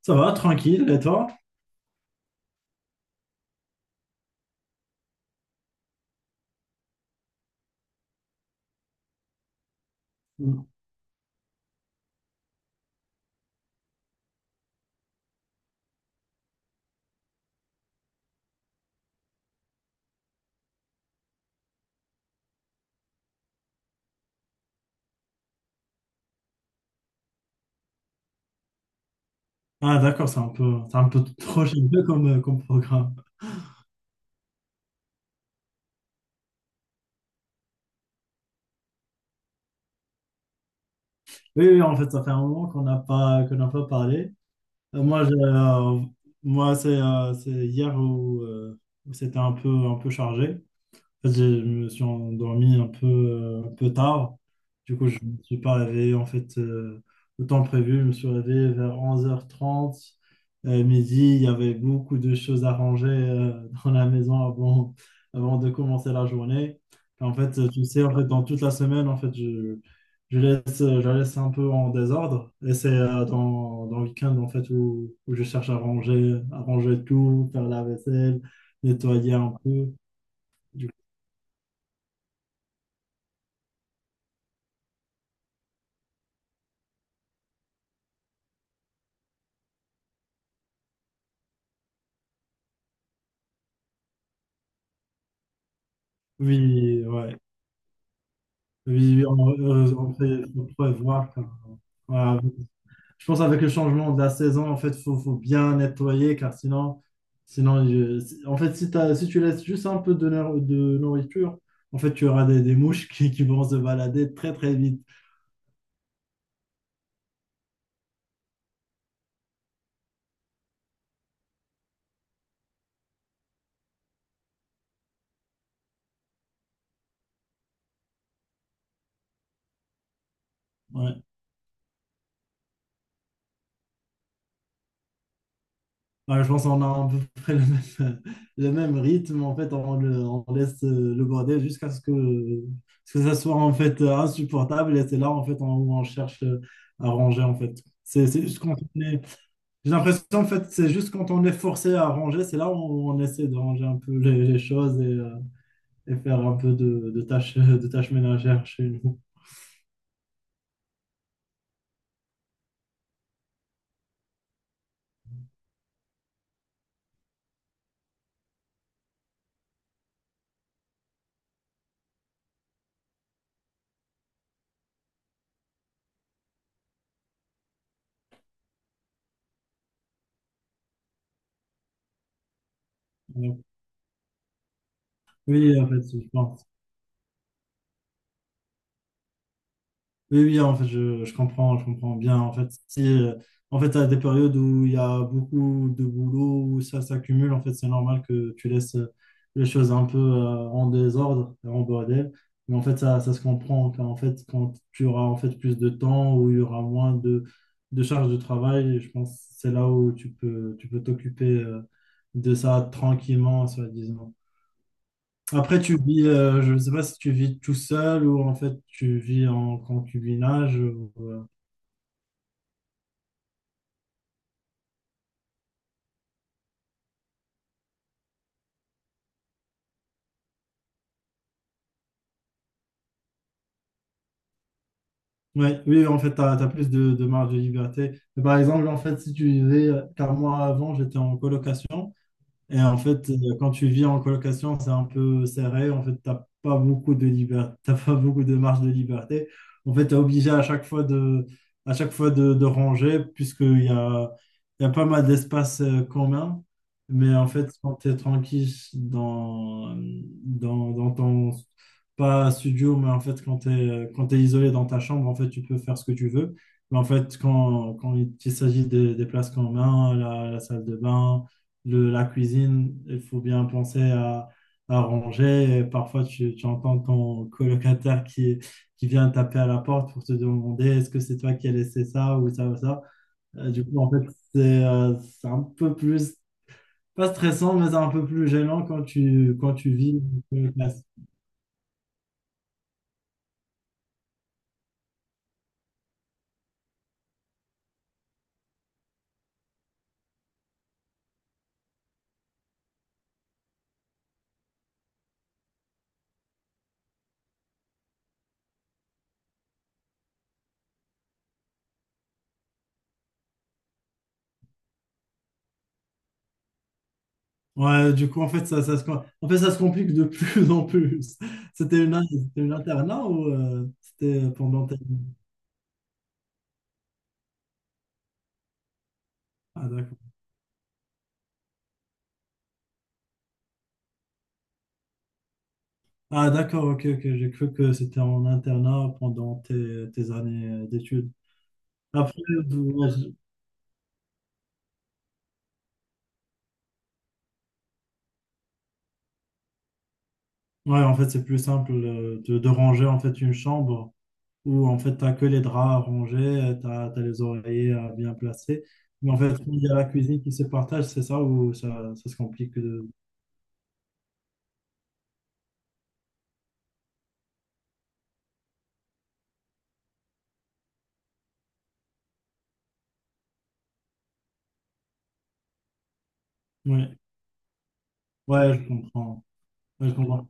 Ça va, tranquille, et toi? Ah, d'accord, c'est un peu trop généreux comme, comme programme. Oui, oui, en fait, ça fait un moment qu'on n'a pas parlé. Euh, moi, je- euh, moi c'est hier où c'était un peu chargé. En fait, je me suis endormi un peu tard. Du coup, je ne me suis pas réveillé, en fait, au temps prévu. Je me suis réveillé vers 11h30, midi. Il y avait beaucoup de choses à ranger, dans la maison avant de commencer la journée. En fait, tu sais, en fait, dans toute la semaine, en fait, je la laisse un peu en désordre. Et c'est, dans le week-end, en fait, où je cherche à ranger tout, faire la vaisselle, nettoyer un peu. Oui, ouais. Oui, faut prévoir. Voilà. Je pense, avec le changement de la saison, en fait, faut bien nettoyer, car sinon, en fait, si tu laisses juste un peu de nourriture, en fait, tu auras des mouches qui vont se balader très, très vite. Ouais. Bah, je pense qu'on a à peu près le même, le même rythme. En fait, on laisse, le bordel jusqu'à ce que ça soit, en fait, insupportable. Et c'est là, en fait, où on cherche, à ranger, en fait. C'est juste quand on est... J'ai l'impression, en fait, c'est juste quand on est forcé à ranger, c'est là où on essaie de ranger un peu les choses et faire un peu de tâches ménagères chez nous. Donc, oui, en fait, je pense. Oui, oui, en fait, je comprends bien. En fait, si, en fait, à des périodes où il y a beaucoup de boulot, où ça s'accumule, en fait, c'est normal que tu laisses, les choses un peu, en désordre, en bordel. Mais en fait, ça se comprend. Quand, en fait, quand tu auras, en fait, plus de temps, où il y aura moins de charges de travail, je pense que c'est là où tu peux t'occuper, de ça tranquillement, soi-disant. Après, je ne sais pas si tu vis tout seul ou, en fait, tu vis en concubinage. Ouais, oui, en fait, tu as plus de marge de liberté. Mais par exemple, en fait, si tu vivais, car moi avant, j'étais en colocation. Et en fait, quand tu vis en colocation, c'est un peu serré. En fait, t'as pas beaucoup de liberté, t'as pas beaucoup de marge de liberté. En fait, tu es obligé à chaque fois de, à chaque fois de ranger, puisqu'il y a pas mal d'espace, commun. Mais en fait, quand tu es tranquille dans, dans ton, pas studio, mais en fait, quand tu isolé dans ta chambre, en fait, tu peux faire ce que tu veux. Mais en fait, quand il s'agit des places communes, la salle de bain, la cuisine, il faut bien penser à ranger. Et parfois, tu entends ton colocataire qui vient taper à la porte pour te demander est-ce que c'est toi qui as laissé ça ou ça ou ça. Du coup, en fait, c'est un peu plus, pas stressant, mais c'est un peu plus gênant quand tu vis une classe. Ouais, du coup, en fait, en fait, ça se complique de plus en plus. C'était une internat ou, c'était pendant tes... Ah, d'accord. Ah, d'accord, ok, ok. J'ai cru que c'était en internat pendant tes années, d'études. Après, ouais, ouais, en fait, c'est plus simple, de ranger, en fait, une chambre où, en fait, t'as que les draps à ranger, t'as les oreillers à bien placer. Mais en fait, il y a la cuisine qui se partage, c'est ça où ça se complique de... Ouais, ouais, je comprends. Ouais, je comprends.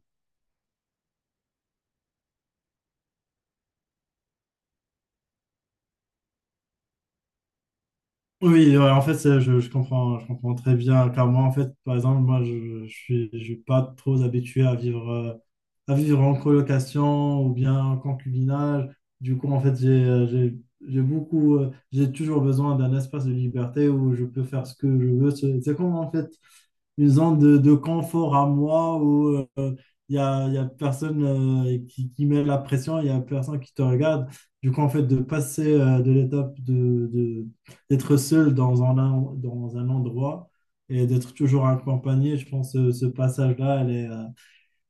Oui, ouais, en fait, je comprends très bien. Car moi, en fait, par exemple, moi, je suis pas trop habitué à vivre en colocation ou bien en concubinage. Du coup, en fait, j'ai toujours besoin d'un espace de liberté où je peux faire ce que je veux. C'est comme, en fait, une zone de confort à moi. Il y a personne, qui met la pression, il y a personne qui te regarde. Du coup, en fait, de passer, de l'étape d'être seul dans dans un endroit, et d'être toujours accompagné, je pense que ce passage-là, elle est, euh,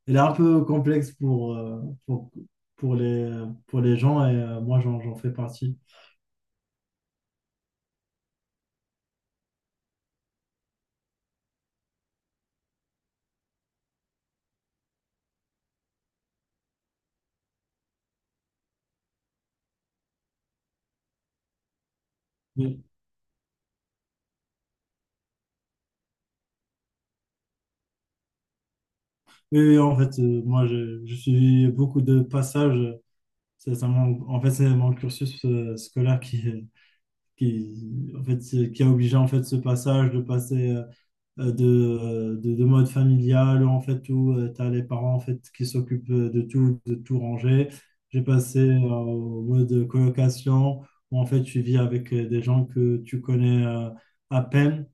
elle est un peu complexe pour, pour les, pour les gens et, moi, j'en fais partie. Oui, oui, oui, en fait, moi, j'ai suivi beaucoup de passages. C'est ça en fait, c'est mon cursus, scolaire qui a obligé, en fait, ce passage de passer, de mode familial, en fait, où tu as les parents, en fait, qui s'occupent, de tout ranger. J'ai passé, au mode colocation, où, en fait, tu vis avec, des gens que tu connais, à peine,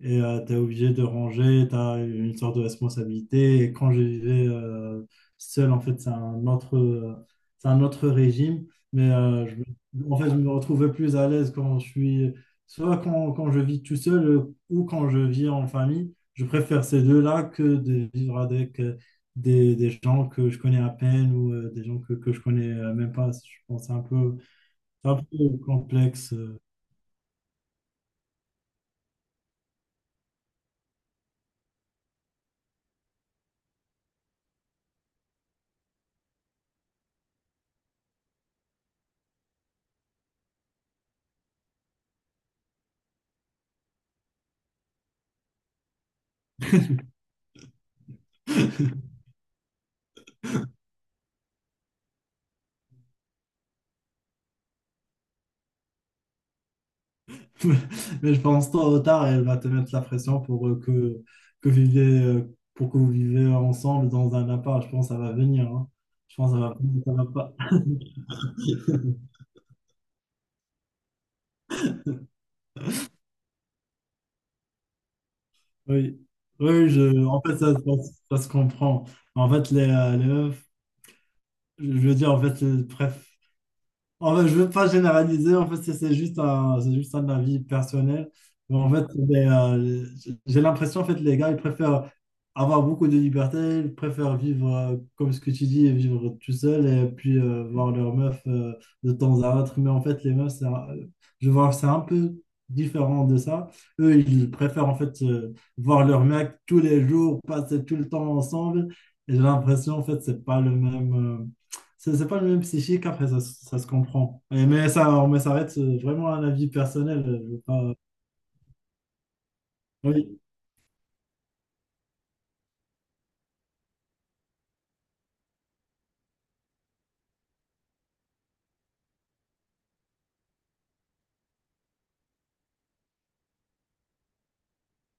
et tu es obligé de ranger, tu as une sorte de responsabilité. Et quand je vivais, seul, en fait, c'est un autre régime, mais, en fait, je me retrouvais plus à l'aise, soit quand, quand je vis tout seul, ou quand je vis en famille. Je préfère ces deux-là que de vivre avec, des gens que je connais à peine, ou, des gens que je connais, même pas. Je pense que c'est un peu complexe. Mais je pense, tôt ou tard, elle va te mettre la pression pour, pour que vous vivez ensemble dans un appart. Je pense que ça va venir, hein. Je pense que ça va pas. Oui, oui, en fait, ça se comprend. En fait, les meufs, je veux dire, en fait, bref. En fait, je veux pas généraliser, en fait, c'est juste un avis personnel. Mais en fait, j'ai l'impression, en fait, les gars, ils préfèrent avoir beaucoup de liberté, ils préfèrent vivre, comme ce que tu dis, vivre tout seul et puis, voir leur meuf, de temps à autre. Mais en fait, les meufs, c'est je vois, c'est un peu différent de ça. Eux, ils préfèrent, en fait, voir leur mec tous les jours, passer tout le temps ensemble. Et j'ai l'impression, en fait, c'est pas le même. euh, c'est pas le même psychique. Après, ça se comprend. Mais ça reste, vraiment un avis personnel. Je veux pas- Oui,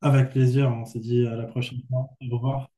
avec plaisir, on se dit à la prochaine fois. Au revoir.